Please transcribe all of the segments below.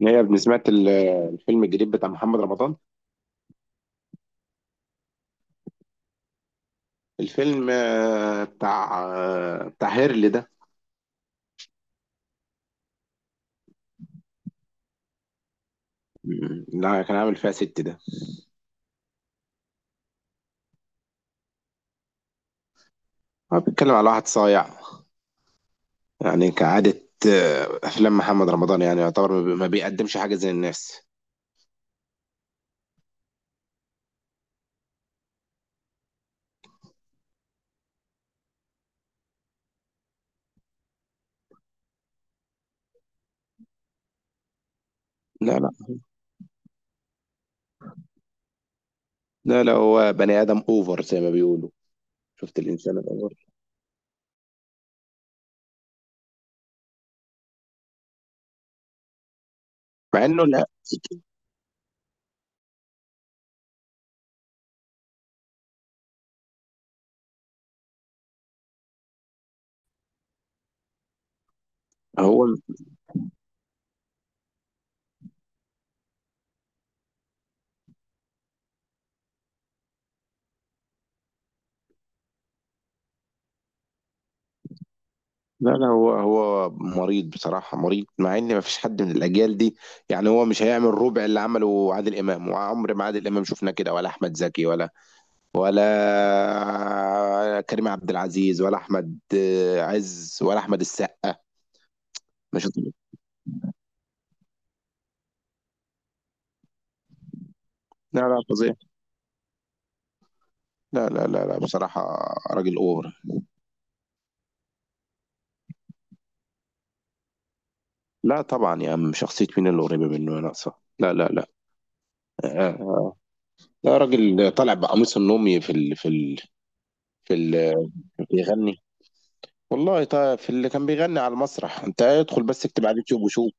نيا سمعت الفيلم الجديد بتاع محمد رمضان. الفيلم بتاع بتاع هيرلي ده. لا، كان عامل فيها ست ده. هو بيتكلم على واحد صايع يعني كعادة. أفلام محمد رمضان يعني يعتبر ما بيقدمش حاجة زي الناس. لا لا. لا هو بني آدم أوفر زي ما بيقولوا. شفت الإنسان الأوفر؟ مع إنه لا. هو لا، هو مريض، بصراحة مريض، مع ان مفيش حد من الاجيال دي. يعني هو مش هيعمل ربع اللي عمله عادل امام، وعمر ما عادل امام شفنا كده، ولا احمد زكي، ولا كريم عبد العزيز، ولا احمد عز، ولا احمد السقا. مش هتقول- لا لا، فظيع. لا لا لا لا، بصراحة. راجل اوفر. لا طبعا يا عم، شخصية مين اللي قريبة منه يا ناقصة؟ لا لا لا. آه، آه. لا، راجل طالع بقميص النومي في ال بيغني. والله طيب في اللي كان بيغني على المسرح، انت ادخل بس اكتب على اليوتيوب وشوف.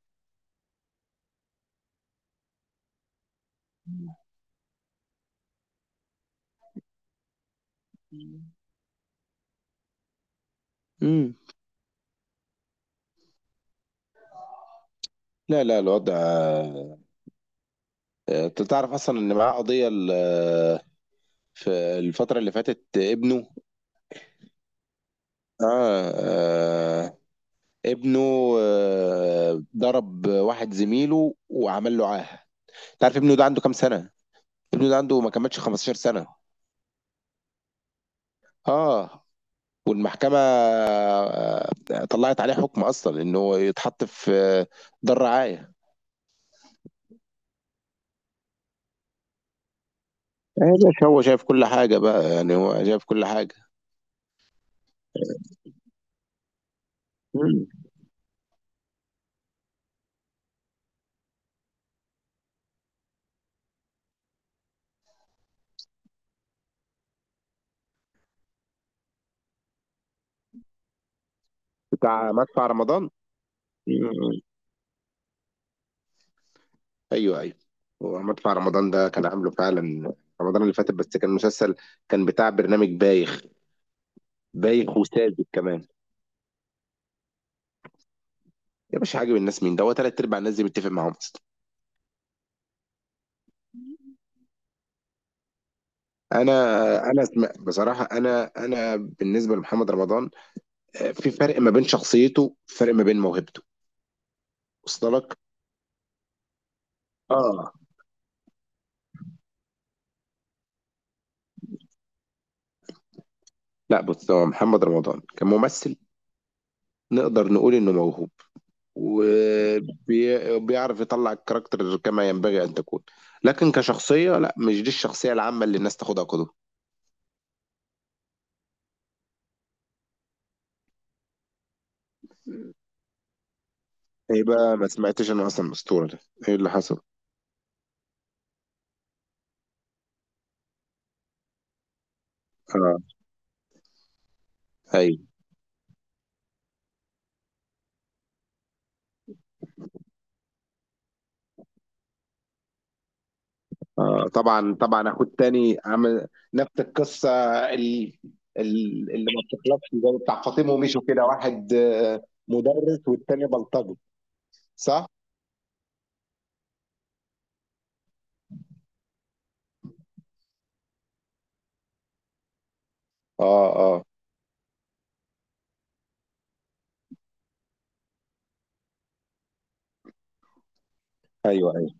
امم لا لا، الوضع انت تعرف اصلا ان معاه قضية في الفترة اللي فاتت ابنه. آه آه ابنه ضرب واحد زميله وعمل له عاهة. تعرف ابنه ده عنده كام سنة؟ ابنه ده عنده ما كملش 15 سنة. اه، والمحكمة طلعت عليه حكم اصلا انه يتحط في دار رعاية. يا باشا هو شايف كل حاجة بقى، يعني هو شايف كل حاجة. مم. بتاع مدفع رمضان. مم. أيوه أيوه، هو مدفع رمضان ده كان عامله فعلا رمضان اللي فات، بس كان مسلسل، كان بتاع برنامج بايخ. بايخ وساذج كمان. يا باشا، عاجب الناس مين ده؟ هو تلات أرباع الناس دي متفق معاهم أصلا. أنا بصراحة، أنا بالنسبة لمحمد رمضان في فرق ما بين شخصيته، فرق ما بين موهبته. وصل لك؟ آه. لا بص، هو محمد رمضان كممثل نقدر نقول إنه موهوب، وبيعرف يطلع الكاركتر كما ينبغي أن تكون. لكن كشخصية لا، مش دي الشخصية العامة اللي الناس تاخدها قدوة. ايه بقى، ما سمعتش انا اصلا الاسطوره ده؟ ايه اللي حصل؟ اه. ايوه. طبعا طبعا، اخو التاني عمل نفس القصه. ال- اللي ما بتخلصش زي بتاع فاطمه ومشوا كده، واحد مدرس والتاني بلطجي. صح؟ اه اه. ايوه ايوه.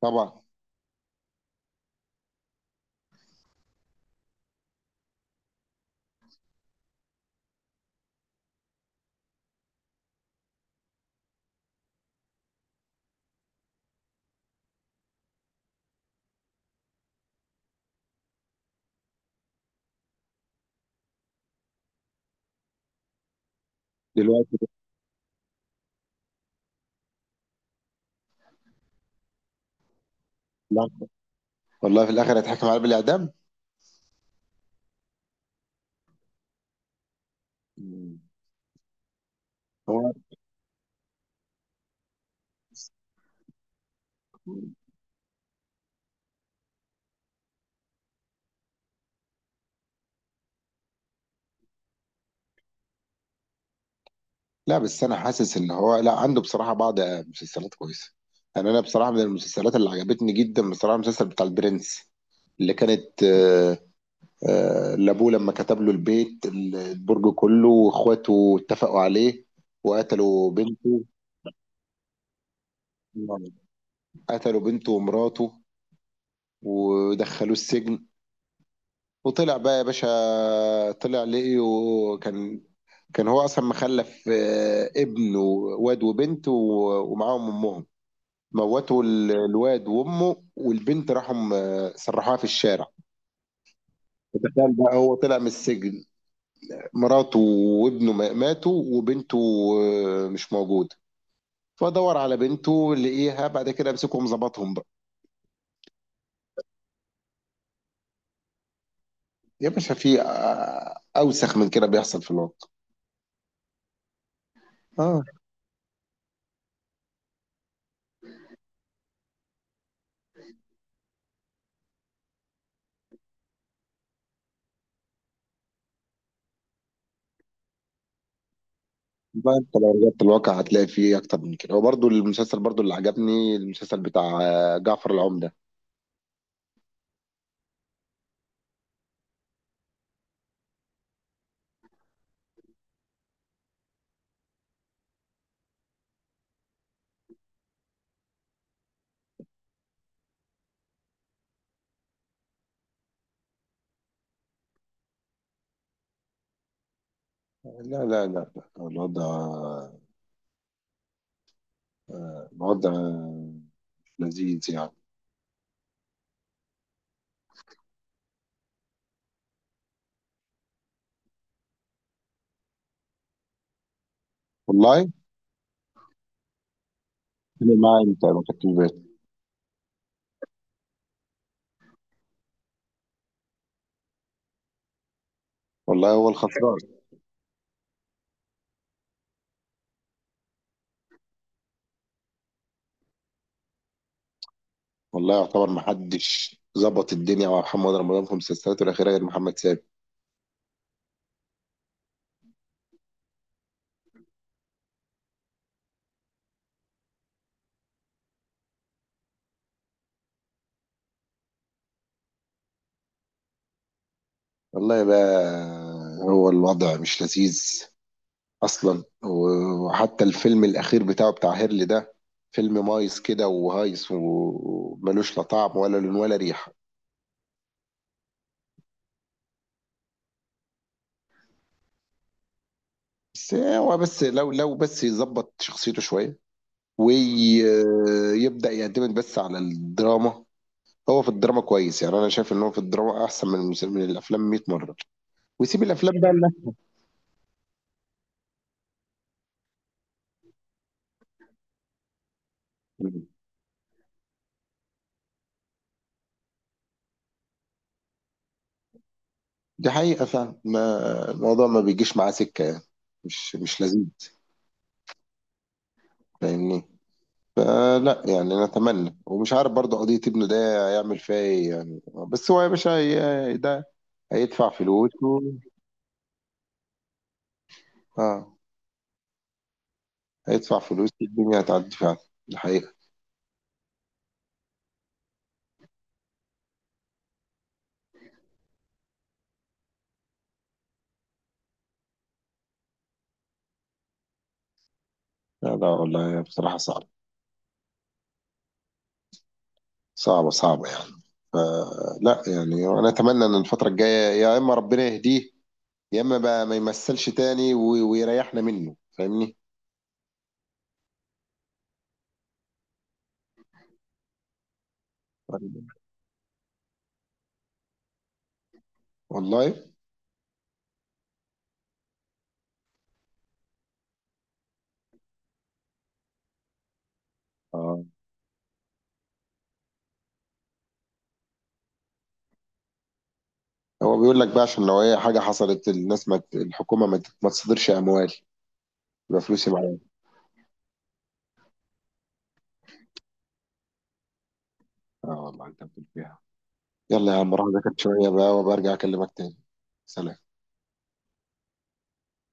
طبعا. دلوقتي لا. والله في الاخر هيتحكم عليه بالاعدام. مم. هو لا، بس انا حاسس ان هو لا، عنده بصراحه بعض مسلسلات كويسه. يعني انا بصراحه من المسلسلات اللي عجبتني جدا بصراحه المسلسل بتاع البرنس، اللي كانت لابوه لما كتب له البيت، البرج كله، واخواته اتفقوا عليه وقتلوا بنته. قتلوا بنته ومراته ودخلوه السجن، وطلع بقى يا باشا، طلع لقيه كان، كان هو اصلا مخلف ابن وواد وبنت ومعاهم امهم. موتوا الواد وامه، والبنت راحوا سرحوها في الشارع. تخيل بقى، هو طلع من السجن، مراته وابنه ماتوا، وبنته مش موجوده. فدور على بنته لقيها بعد كده، مسكهم ظبطهم بقى. يا باشا، في اوسخ من كده بيحصل في الواقع. اه، بقى انت لو رجعت الواقع هتلاقي فيه اكتر من كده. وبرضه المسلسل، برضه اللي عجبني المسلسل بتاع جعفر العمدة. لا لا لا لا، الوضع، الوضع لذيذ يعني. والله مع انت متكبر. والله هو الخسران. والله يعتبر ما حدش ظبط الدنيا مع محمد رمضان في مسلسلاته الاخيره غير محمد سامي. والله بقى، هو الوضع مش لذيذ اصلا. وحتى الفيلم الاخير بتاعه بتاع هيرلي ده، فيلم مايس كده وهايس وملوش لا طعم ولا لون ولا ريحه. بس هو، بس لو يظبط شخصيته شويه ويبدا يعتمد بس على الدراما. هو في الدراما كويس، يعني انا شايف ان هو في الدراما احسن من من الافلام 100 مره. ويسيب الافلام بقى لنا. دي حقيقه فعلا، ما الموضوع ما بيجيش معاه سكه يعني. مش لذيذ. فاهمني. فلا يعني، نتمنى. ومش عارف برضه قضيه ابنه ده هيعمل فيها ايه يعني. بس هو يا باشا ده هيدفع فلوس اه. هيدفع فلوس، الدنيا هتعدي فعلا. دي حقيقه. لا لا، والله بصراحه صعبه، صعبه يعني. فلا يعني، انا اتمنى ان الفتره الجايه يا اما ربنا يهديه، يا اما بقى ما يمثلش تاني ويريحنا منه. فاهمني. والله. اه، هو بيقول لك بقى عشان لو اي حاجه حصلت الناس ما ت- الحكومه ما تصدرش اموال، يبقى فلوسي معايا. اه، والله انت بتقول فيها. يلا يا عم، راح اذاكر شويه بقى وبرجع اكلمك تاني. سلام.